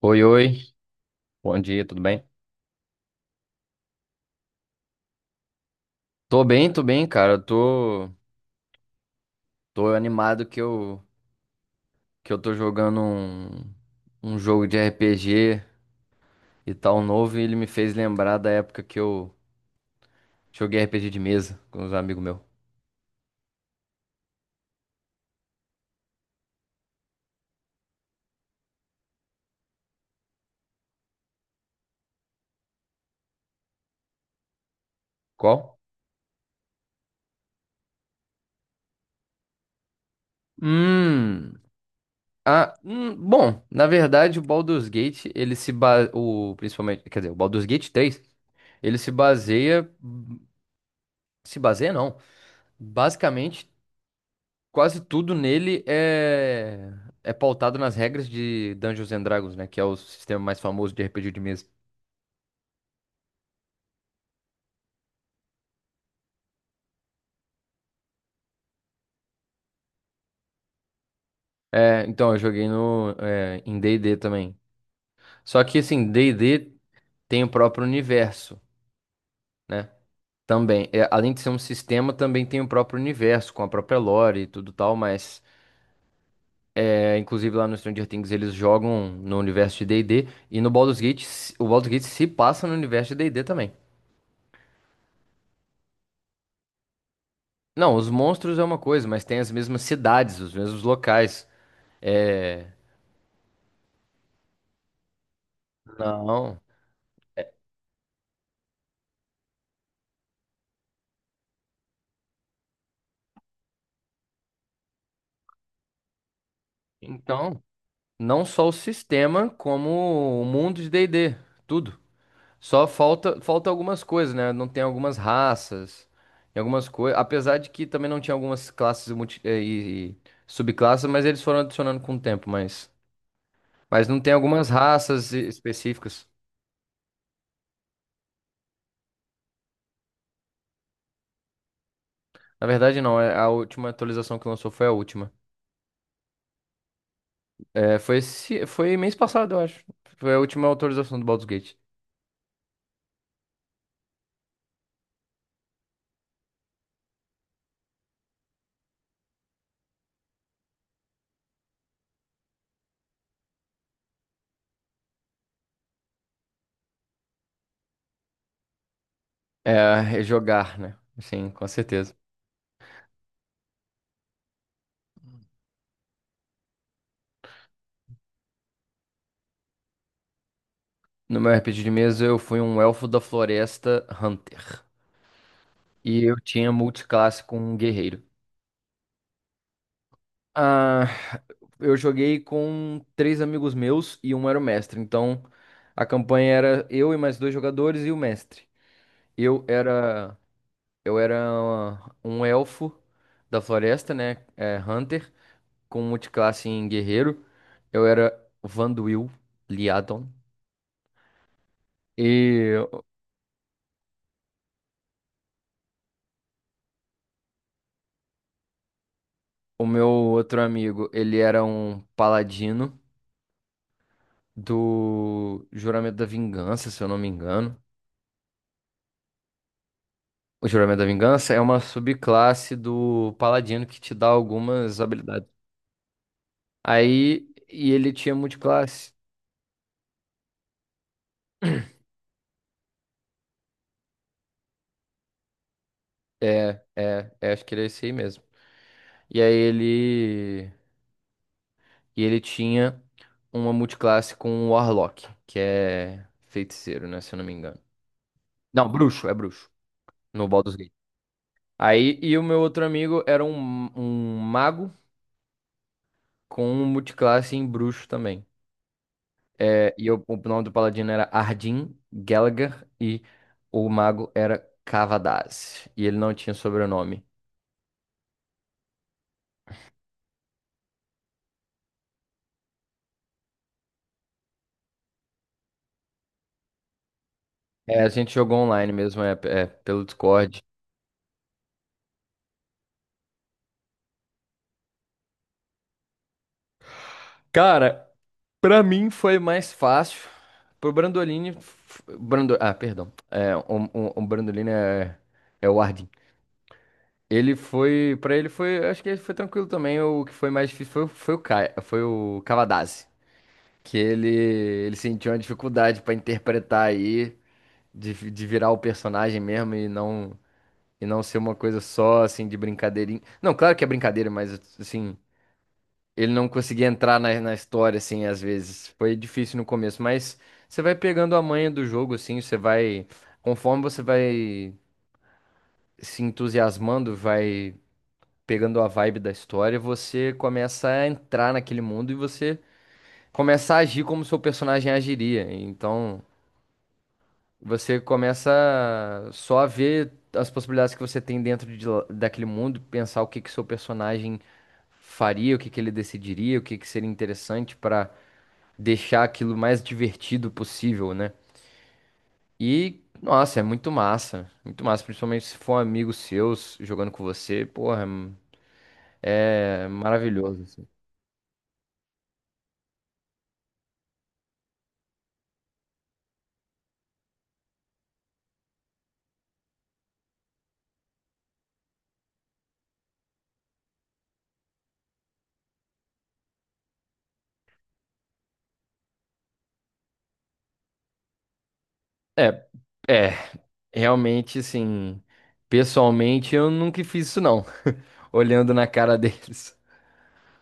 Oi, oi. Bom dia, tudo bem? Tô bem, tô bem, cara. Eu tô animado que eu tô jogando um jogo de RPG e tal novo e ele me fez lembrar da época que eu joguei RPG de mesa com os amigos meus. Qual? Hum. Ah, bom, na verdade o Baldur's Gate, ele se ba... o principalmente, quer dizer, o Baldur's Gate 3, ele se baseia se baseia não. Basicamente, quase tudo nele é pautado nas regras de Dungeons and Dragons, né? Que é o sistema mais famoso de RPG de mesa. É, então, eu joguei no, é, em D&D também. Só que, assim, D&D tem o próprio universo, né? Também. É, além de ser um sistema, também tem o próprio universo, com a própria lore e tudo tal, mas... É, inclusive, lá no Stranger Things, eles jogam no universo de D&D, e no Baldur's Gate, o Baldur's Gate se passa no universo de D&D também. Não, os monstros é uma coisa, mas tem as mesmas cidades, os mesmos locais. É, não. Então, não só o sistema, como o mundo de D&D, tudo. Só falta algumas coisas, né? Não tem algumas raças e algumas coisas. Apesar de que também não tinha algumas classes e subclasses, mas eles foram adicionando com o tempo. Mas não tem algumas raças específicas. Na verdade, não. A última atualização que lançou foi a última. É, foi mês passado, eu acho. Foi a última atualização do Baldur's Gate. É, é jogar, né? Sim, com certeza. No meu RPG de mesa, eu fui um elfo da floresta Hunter. E eu tinha multiclasse com um guerreiro. Ah, eu joguei com três amigos meus e um era o mestre. Então, a campanha era eu e mais dois jogadores e o mestre. Eu era, eu era um elfo da floresta, né? É, Hunter, com multiclasse em guerreiro. Eu era Vanduil Liadon. E o meu outro amigo, ele era um paladino do Juramento da Vingança, se eu não me engano. O Juramento da Vingança é uma subclasse do Paladino que te dá algumas habilidades. Aí, e ele tinha multiclasse. É, é, é, acho que era esse aí mesmo. E aí ele, e ele tinha uma multiclasse com o Warlock, que é feiticeiro, né, se eu não me engano. Não, bruxo, é bruxo, no Baldur's Gate. Aí, e o meu outro amigo era um mago com multiclasse em bruxo também. É, o nome do paladino era Ardyn Gallagher e o mago era Cavadaz. E ele não tinha sobrenome. É, a gente jogou online mesmo, pelo Discord. Cara, pra mim foi mais fácil. Pro Brandolini. Ah, perdão. É, o Brandolini é o Ardyn. Ele foi. Pra ele foi. Acho que ele foi tranquilo também. O que foi mais difícil foi o Kai, foi o Cavadaz. Que ele sentiu uma dificuldade pra interpretar aí. De virar o personagem mesmo e não ser uma coisa só assim de brincadeirinha. Não, claro que é brincadeira, mas assim, ele não conseguia entrar na história assim às vezes. Foi difícil no começo, mas você vai pegando a manha do jogo assim, você vai conforme você vai se entusiasmando, vai pegando a vibe da história, você começa a entrar naquele mundo e você começa a agir como seu personagem agiria. Então, você começa só a ver as possibilidades que você tem dentro de daquele mundo, pensar o que que seu personagem faria, o que que ele decidiria, o que que seria interessante pra deixar aquilo mais divertido possível, né? E, nossa, é muito massa, principalmente se for um amigo seu jogando com você, porra, é maravilhoso, assim. É, é, realmente, assim, pessoalmente eu nunca fiz isso não, olhando na cara deles.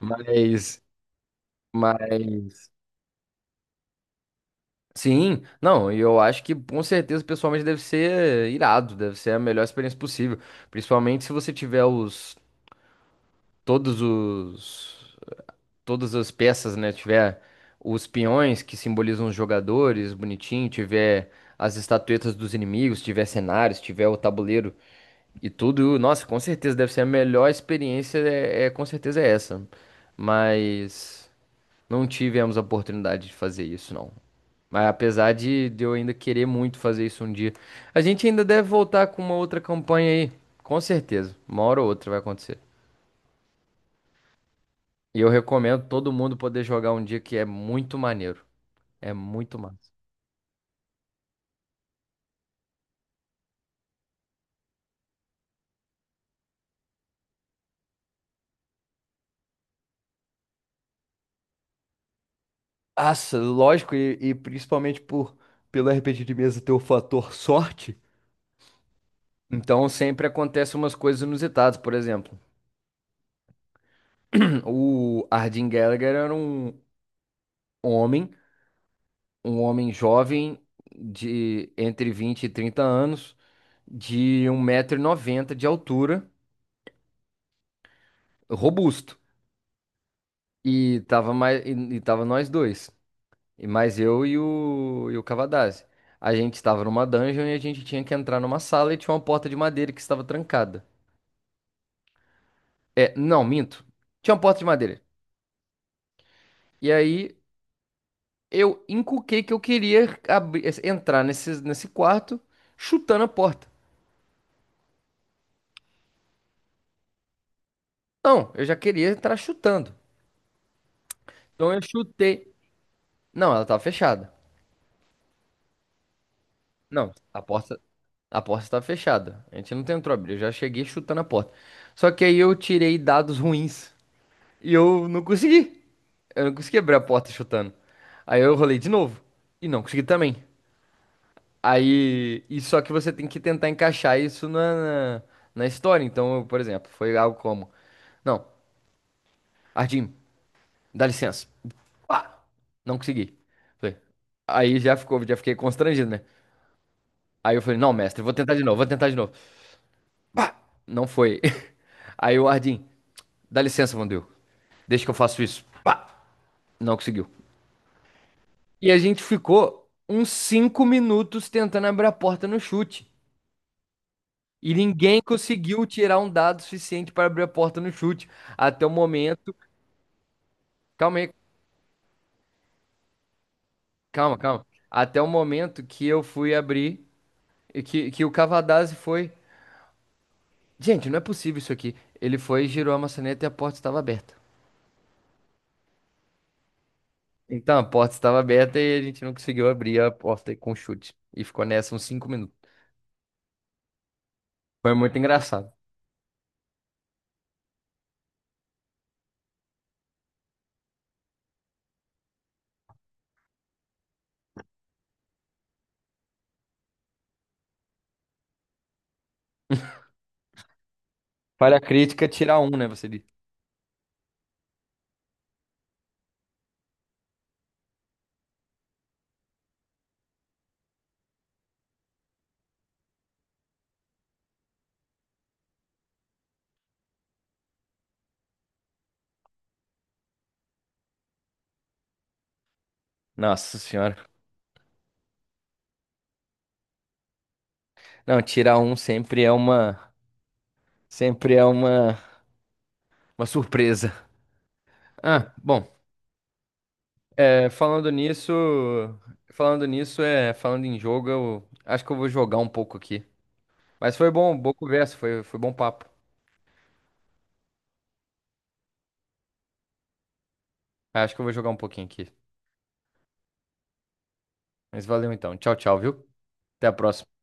Mas, mas, sim, não, e eu acho que com certeza pessoalmente deve ser irado, deve ser a melhor experiência possível, principalmente se você tiver todos os, todas as peças, né, tiver os peões que simbolizam os jogadores, bonitinho, tiver as estatuetas dos inimigos, tiver cenários, tiver o tabuleiro e tudo, nossa, com certeza deve ser a melhor experiência, com certeza é essa, mas não tivemos a oportunidade de fazer isso, não. Mas apesar de eu ainda querer muito fazer isso um dia, a gente ainda deve voltar com uma outra campanha aí, com certeza. Uma hora ou outra vai acontecer. E eu recomendo todo mundo poder jogar um dia que é muito maneiro. É muito massa. Nossa, lógico, e principalmente por pelo RPG de mesa ter o fator sorte. Então sempre acontecem umas coisas inusitadas, por exemplo, o Ardyn Gallagher era homem um homem jovem de entre 20 e 30 anos, de um 190 noventa de altura, robusto. E tava mais, tava nós dois. E mais eu e e o Cavadazzi. A gente estava numa dungeon e a gente tinha que entrar numa sala e tinha uma porta de madeira que estava trancada. É, não, minto. Tinha uma porta de madeira. E aí eu encuquei que eu queria abrir, entrar nesse quarto chutando a porta. Não, eu já queria entrar chutando. Então eu chutei. Não, ela tava fechada. Não, a porta estava fechada. A gente não tentou abrir, eu já cheguei chutando a porta. Só que aí eu tirei dados ruins e eu não consegui. Eu não consegui abrir a porta chutando. Aí eu rolei de novo e não consegui também. Aí, e só que você tem que tentar encaixar isso na história. Então, eu, por exemplo, foi algo como: Não, Ardim, dá licença. Pá! Não consegui. Falei, Aí já fiquei constrangido, né? Aí eu falei: Não, mestre, vou tentar de novo, vou tentar de novo. Pá! Não foi. Aí o Ardim, dá licença, Vandeu. Deixa que eu faço isso. Pá! Não conseguiu. E a gente ficou uns 5 minutos tentando abrir a porta no chute. E ninguém conseguiu tirar um dado suficiente para abrir a porta no chute. Até o momento. Calma aí, calma, calma. Até o momento que eu fui abrir, e que o Cavadazzi foi. Gente, não é possível isso aqui. Ele foi, girou a maçaneta e a porta estava aberta. Então, a porta estava aberta e a gente não conseguiu abrir a porta com chute. E ficou nessa uns 5 minutos. Foi muito engraçado. Falha crítica, tirar um, né? Você disse. Nossa senhora. Não, tirar um sempre é uma. Sempre é uma. Uma surpresa. Ah, bom. Falando nisso, Falando nisso. Falando em jogo, eu acho que eu vou jogar um pouco aqui. Mas foi bom, boa conversa, foi bom papo. Acho que eu vou jogar um pouquinho aqui. Mas valeu então. Tchau, tchau, viu? Até a próxima.